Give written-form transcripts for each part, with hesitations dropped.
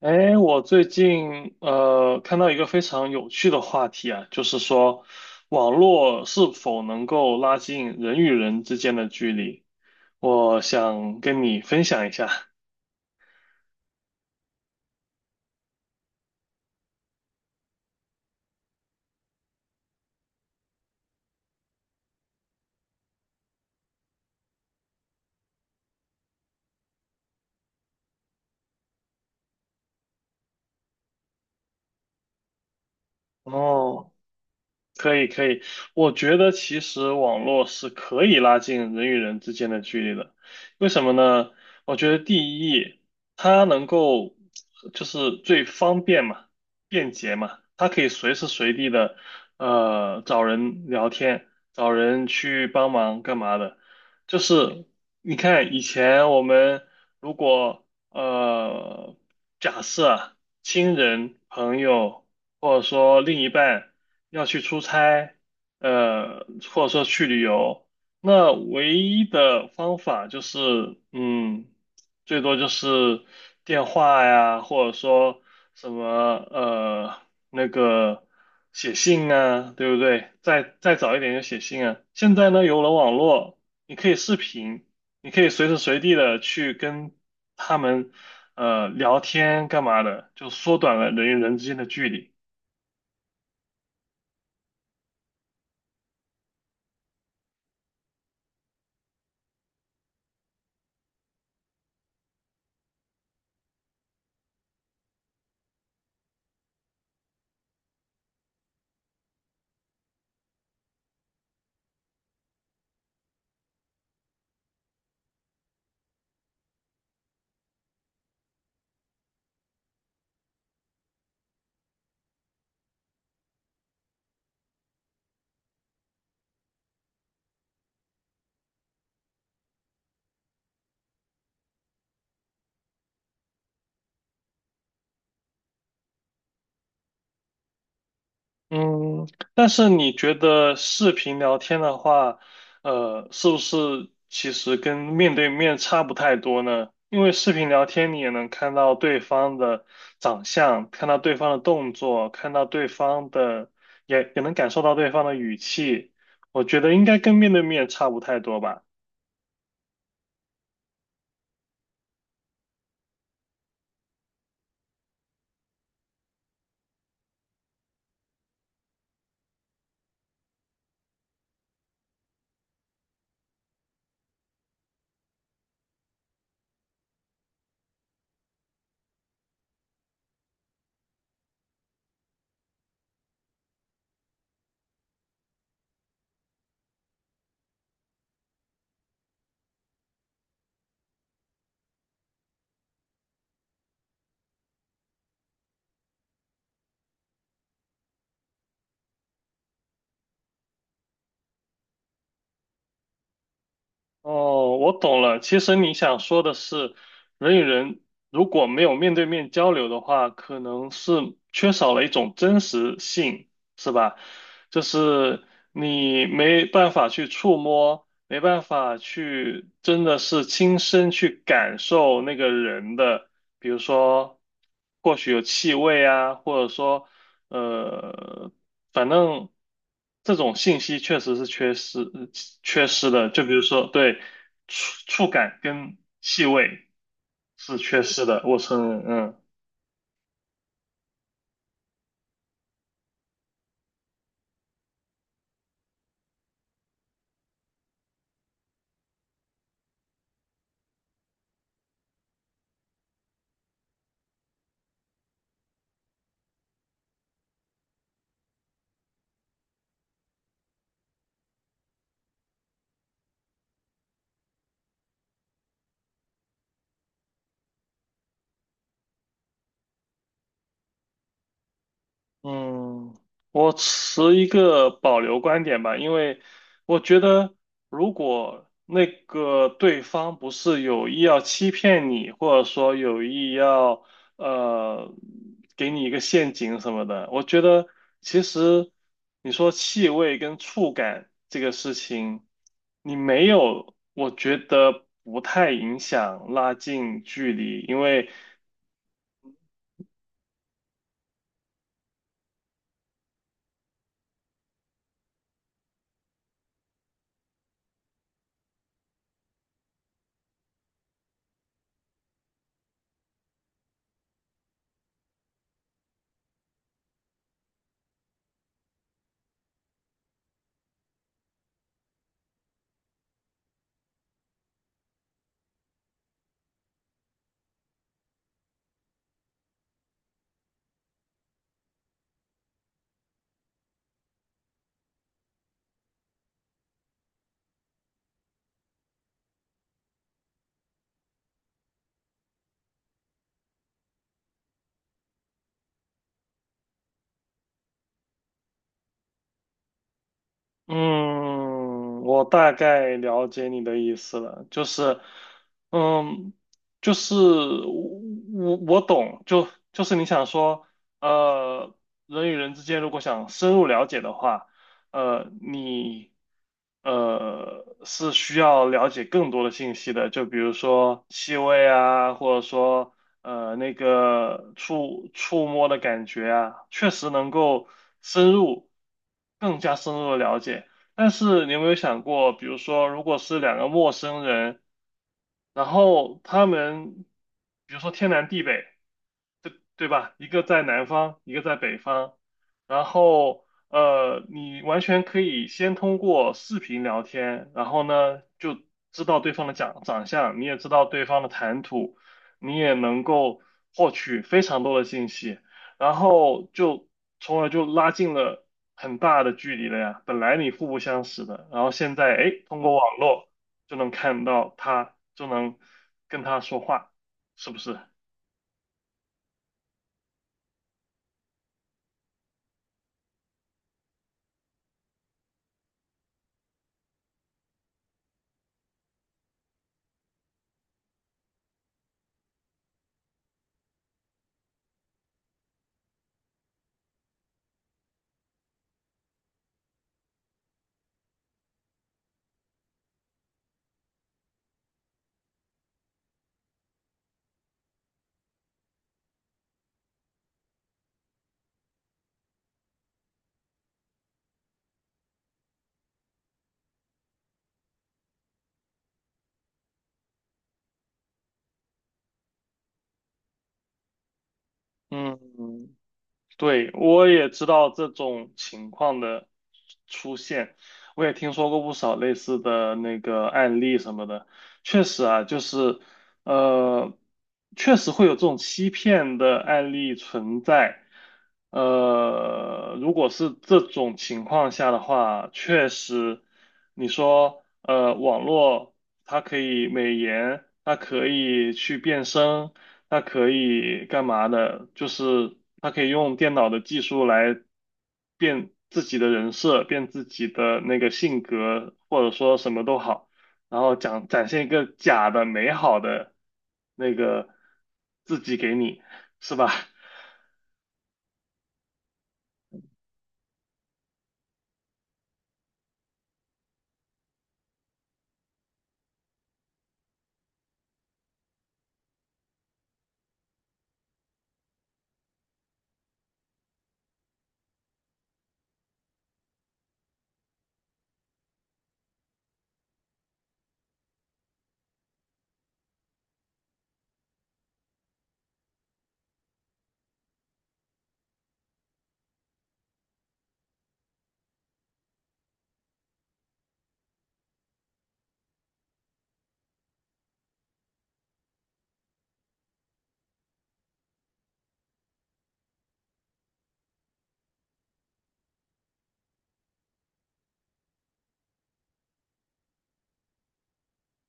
哎，我最近看到一个非常有趣的话题啊，就是说网络是否能够拉近人与人之间的距离，我想跟你分享一下。哦。可以，我觉得其实网络是可以拉近人与人之间的距离的。为什么呢？我觉得第一，它能够就是最方便嘛，便捷嘛，它可以随时随地的找人聊天，找人去帮忙干嘛的。就是你看以前我们如果呃假设啊，亲人朋友。或者说另一半要去出差，呃，或者说去旅游，那唯一的方法就是，嗯，最多就是电话呀，或者说什么那个写信啊，对不对？再早一点就写信啊。现在呢，有了网络，你可以视频，你可以随时随地的去跟他们聊天干嘛的，就缩短了人与人之间的距离。嗯，但是你觉得视频聊天的话，呃，是不是其实跟面对面差不太多呢？因为视频聊天你也能看到对方的长相，看到对方的动作，看到对方的，也能感受到对方的语气。我觉得应该跟面对面差不太多吧。哦，我懂了。其实你想说的是，人与人如果没有面对面交流的话，可能是缺少了一种真实性，是吧？就是你没办法去触摸，没办法去真的是亲身去感受那个人的，比如说，或许有气味啊，或者说呃，反正这种信息确实是缺失，缺失的。就比如说，对，触感跟气味是缺失的，我承认，嗯。嗯，我持一个保留观点吧，因为我觉得如果那个对方不是有意要欺骗你，或者说有意要呃给你一个陷阱什么的，我觉得其实你说气味跟触感这个事情，你没有，我觉得不太影响拉近距离，因为。嗯，我大概了解你的意思了，就是，嗯，就是我懂，就是你想说，呃，人与人之间如果想深入了解的话，呃，你是需要了解更多的信息的，就比如说气味啊，或者说那个触摸的感觉啊，确实能够深入，更加深入的了解。但是你有没有想过，比如说，如果是两个陌生人，然后他们，比如说天南地北。对吧？一个在南方，一个在北方，然后呃，你完全可以先通过视频聊天，然后呢就知道对方的长相，你也知道对方的谈吐，你也能够获取非常多的信息，然后就从而就拉近了很大的距离了呀。本来你互不相识的，然后现在哎，通过网络就能看到他，就能跟他说话，是不是？嗯，对，我也知道这种情况的出现，我也听说过不少类似的那个案例什么的。确实啊，就是呃，确实会有这种欺骗的案例存在。呃，如果是这种情况下的话，确实，你说网络它可以美颜，它可以去变声。它可以干嘛的？就是它可以用电脑的技术来变自己的人设，变自己的那个性格，或者说什么都好，然后讲展现一个假的美好的那个自己给你，是吧？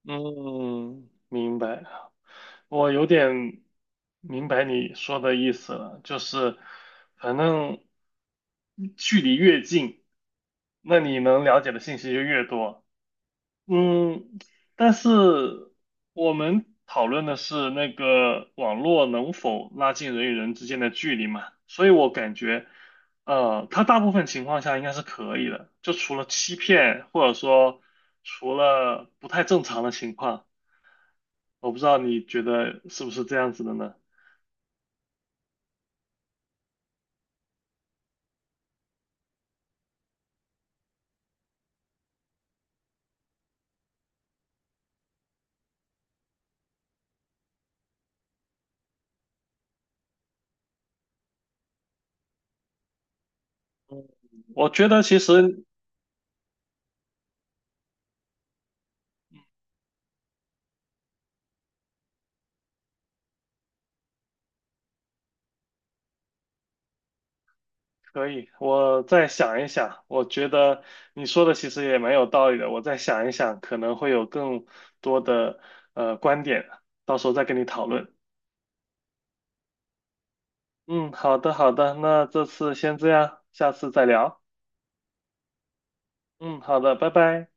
嗯，明白。我有点明白你说的意思了，就是反正距离越近，那你能了解的信息就越多。嗯，但是我们讨论的是那个网络能否拉近人与人之间的距离嘛，所以我感觉，呃，它大部分情况下应该是可以的，就除了欺骗，或者说除了不太正常的情况，我不知道你觉得是不是这样子的呢？我觉得其实可以，我再想一想。我觉得你说的其实也蛮有道理的，我再想一想，可能会有更多的观点，到时候再跟你讨论。嗯，好的，好的，那这次先这样，下次再聊。嗯，好的，拜拜。